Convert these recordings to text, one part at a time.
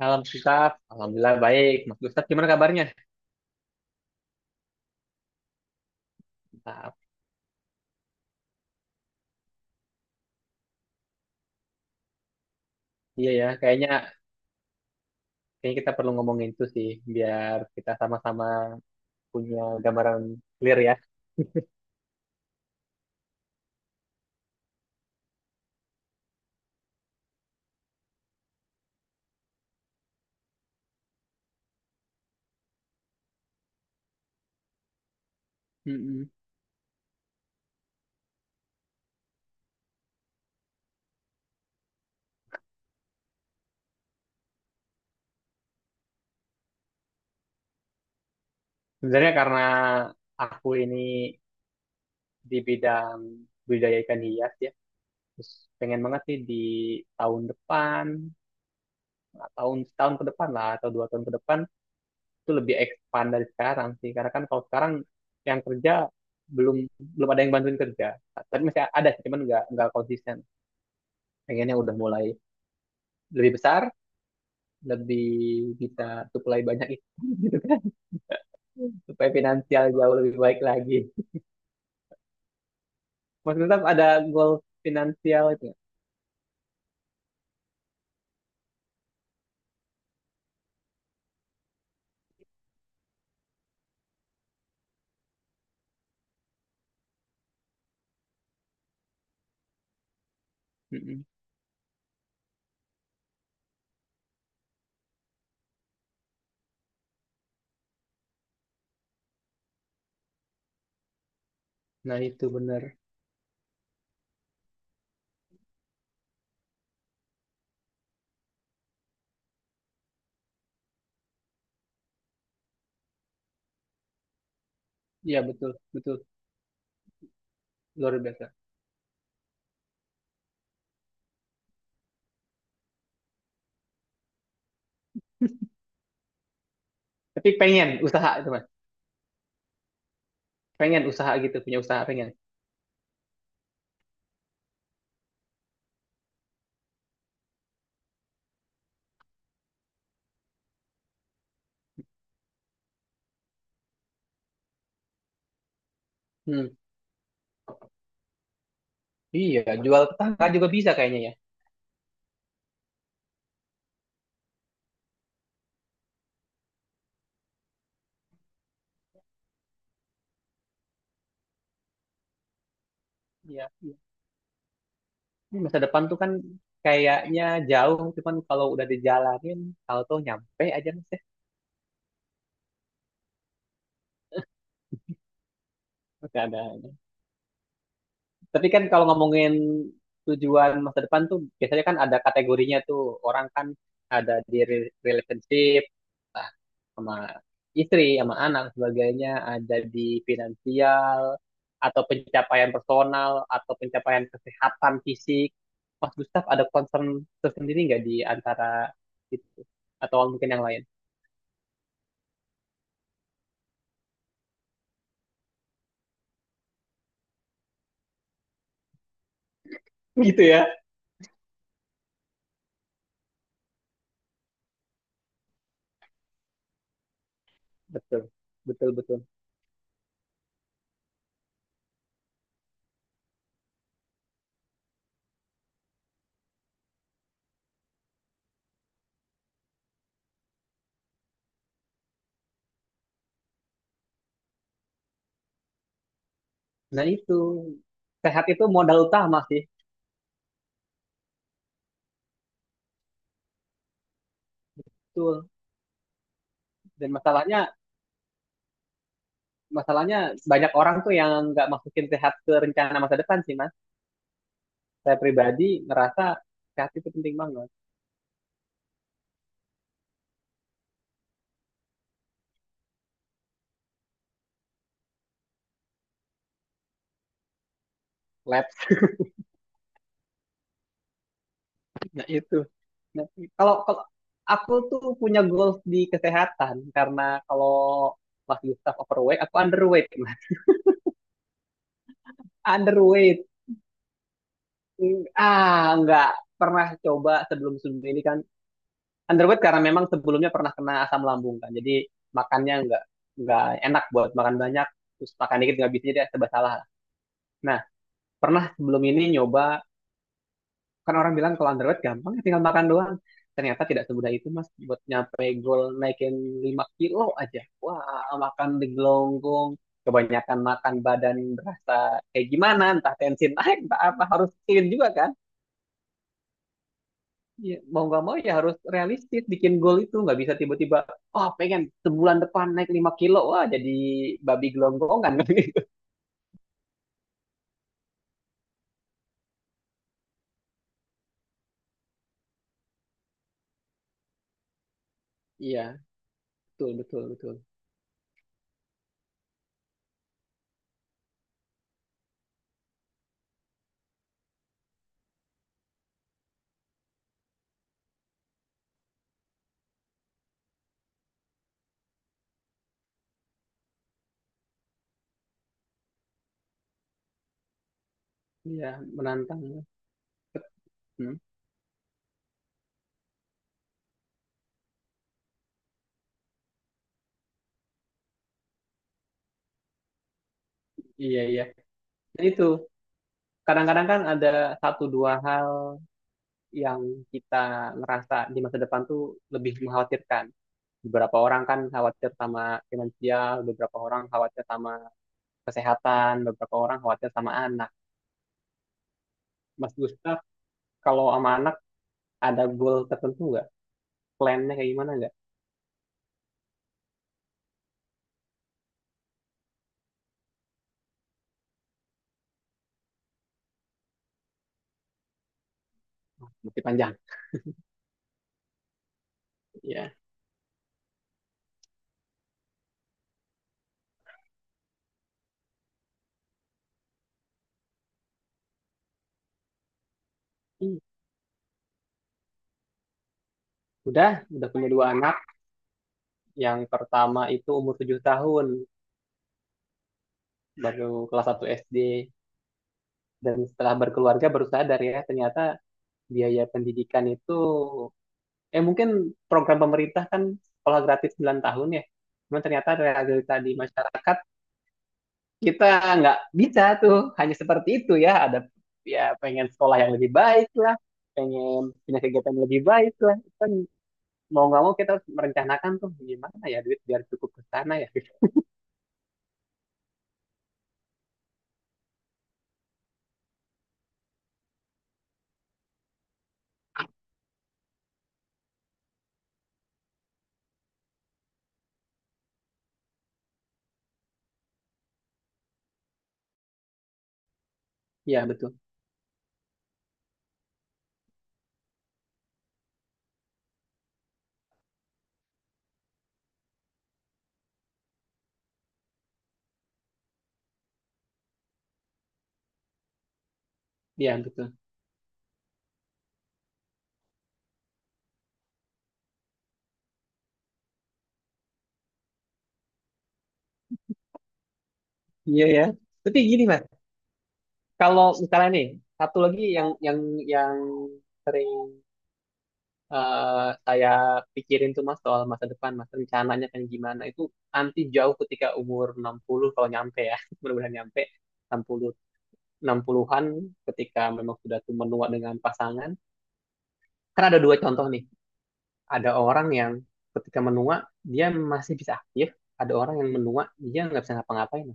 Malam Gustaf, Alhamdulillah baik. Mas Gustaf gimana kabarnya? Mantap. Iya ya, kayaknya kayaknya kita perlu ngomongin itu sih, biar kita sama-sama punya gambaran clear ya. Mm-mm. Sebenarnya karena aku ini di bidang budidaya ikan hias ya, terus pengen banget sih di tahun depan, tahun setahun ke depan lah atau 2 tahun ke depan itu lebih expand dari sekarang sih. Karena kan kalau sekarang yang kerja belum belum ada yang bantuin kerja. Tapi masih ada sih, cuman nggak konsisten. Pengennya udah mulai lebih besar, lebih bisa supply banyak ikan gitu kan, supaya finansial jauh lebih baik lagi. Mas Gustaf ada goal finansial itu nggak? Mm-mm. Nah itu benar. Iya betul, betul, luar biasa. Tapi pengen usaha itu mas, pengen usaha gitu, punya usaha pengen. Hmm. Iya, jual tetangga juga bisa kayaknya ya. Iya, iya. Ini masa depan tuh kan kayaknya jauh, cuman kalau udah dijalanin, tahu tuh nyampe aja mas ya. Oke, ada. Tapi kan kalau ngomongin tujuan masa depan tuh biasanya kan ada kategorinya tuh. Orang kan ada di relationship, entah sama istri, sama anak sebagainya, ada di finansial atau pencapaian personal atau pencapaian kesehatan fisik. Mas Gustaf ada concern tersendiri nggak di antara itu atau mungkin yang lain? Gitu ya. Betul. Betul, betul. Nah itu sehat itu modal utama sih. Betul. Dan masalahnya masalahnya banyak orang tuh yang nggak masukin sehat ke rencana masa depan sih mas, saya pribadi ngerasa sehat itu penting banget labs nah itu. Nah, kalau kalau aku tuh punya goals di kesehatan karena kalau Mas Gustaf overweight aku underweight mas, underweight, ah nggak pernah coba sebelum sebelum ini kan, underweight karena memang sebelumnya pernah kena asam lambung kan, jadi makannya nggak enak buat makan banyak, terus makan dikit nggak bisa, jadi serba salah. Nah, pernah sebelum ini nyoba, kan orang bilang kalau underweight gampang ya tinggal makan doang. Ternyata tidak semudah itu mas, buat nyampe goal naikin 5 kilo aja. Wah, makan di kebanyakan makan badan berasa kayak gimana, entah tensi naik, entah apa, harus clean juga kan. Ya, mau nggak mau ya harus realistis bikin goal itu, nggak bisa tiba-tiba, oh pengen sebulan depan naik 5 kilo, wah jadi babi gelonggongan. Iya, betul, betul, betul. Iya, menantang. Hmm, iya, iya. Nah, itu kadang-kadang kan ada satu dua hal yang kita ngerasa di masa depan tuh lebih mengkhawatirkan. Beberapa orang kan khawatir sama finansial, beberapa orang khawatir sama kesehatan, beberapa orang khawatir sama anak. Mas Gustaf, kalau sama anak ada goal tertentu nggak? Plannya kayak gimana nggak? Masih panjang. Ya. Hmm. Udah, udah punya dua anak. Yang pertama itu umur 7 tahun, baru kelas 1 SD. Dan setelah berkeluarga baru sadar ya, ternyata biaya pendidikan itu mungkin program pemerintah kan sekolah gratis 9 tahun ya. Cuma ternyata realita di masyarakat kita nggak bisa tuh hanya seperti itu ya. Ada ya pengen sekolah yang lebih baik lah, pengen punya kegiatan yang lebih baik lah. Kan mau nggak mau kita harus merencanakan tuh gimana ya duit biar cukup ke sana ya. Iya betul, iya betul. Iya ya. Tapi gini mas, kalau misalnya nih satu lagi yang yang sering, saya pikirin tuh mas soal masa depan, mas rencananya kan gimana itu nanti jauh ketika umur 60 kalau nyampe ya, mudah-mudahan nyampe 60 60-an, ketika memang sudah tuh menua dengan pasangan. Kan ada dua contoh nih. Ada orang yang ketika menua dia masih bisa aktif, ada orang yang menua dia nggak bisa ngapa-ngapain.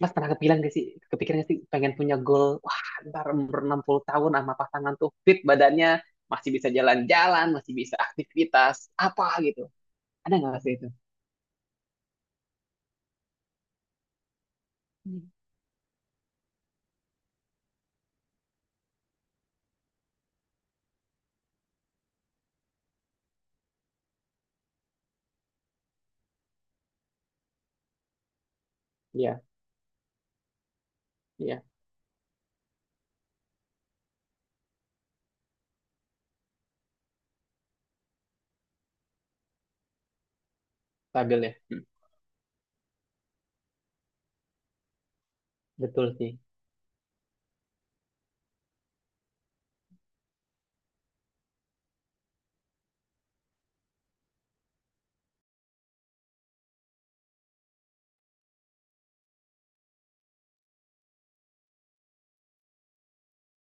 Mas pernah kepikiran gak sih pengen punya goal, wah ntar umur 60 tahun sama pasangan tuh fit badannya, masih bisa jalan-jalan, masih bisa aktivitas, apa gitu. Ada nggak sih itu? Iya, iya, stabil ya. Hmm, betul sih,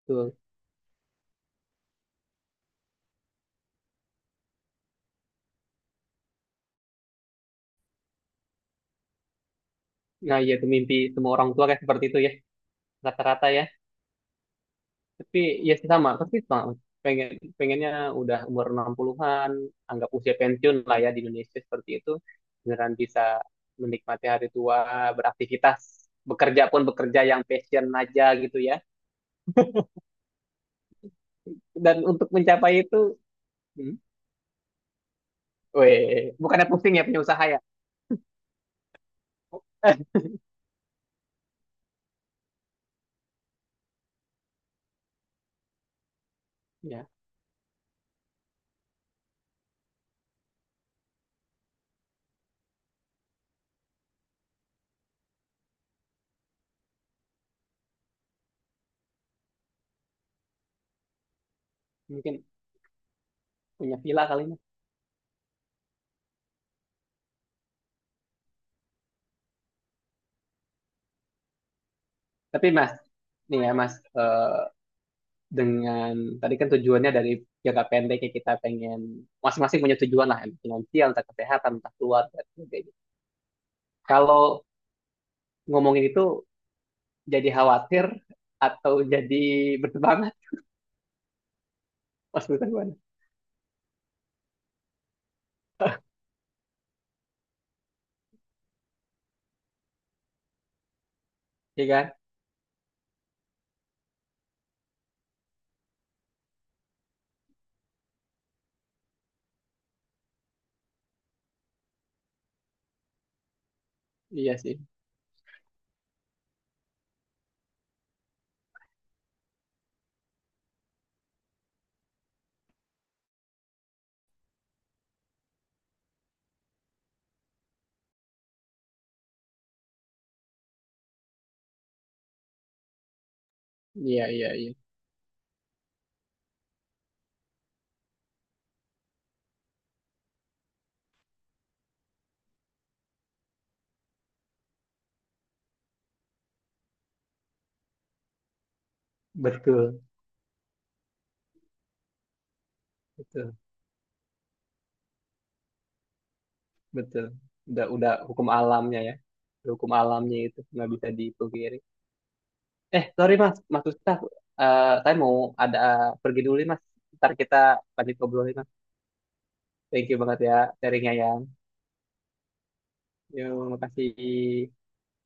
betul. Nah, iya itu mimpi semua orang tua kayak seperti itu ya, rata-rata ya. Tapi ya sih sama, pasti sama. Pengen, pengennya udah umur 60-an, anggap usia pensiun lah ya di Indonesia seperti itu. Beneran bisa menikmati hari tua, beraktivitas, bekerja pun bekerja yang passion aja gitu ya. Dan untuk mencapai itu, hmm, weh, bukannya pusing ya punya usaha ya. Ya, mungkin punya villa kali. Tapi Mas, nih ya Mas, dengan tadi kan tujuannya dari jangka pendeknya kita pengen masing-masing punya tujuan lah, entah finansial, entah kesehatan, entah keluarga, dan sebagainya. Kalau ngomongin itu jadi khawatir atau jadi bertebangan, Mas Butan gimana? Iya kan? Iya sih. Iya, iya, iya. Betul, betul, betul. Udah hukum alamnya ya. Hukum alamnya itu nggak bisa dipungkiri. Eh, sorry Mas, Mas Ustaz, eh, saya mau ada pergi dulu nih Mas. Ntar kita lanjut ngobrolin Mas. Thank you banget ya sharingnya yang. Yuk, makasih.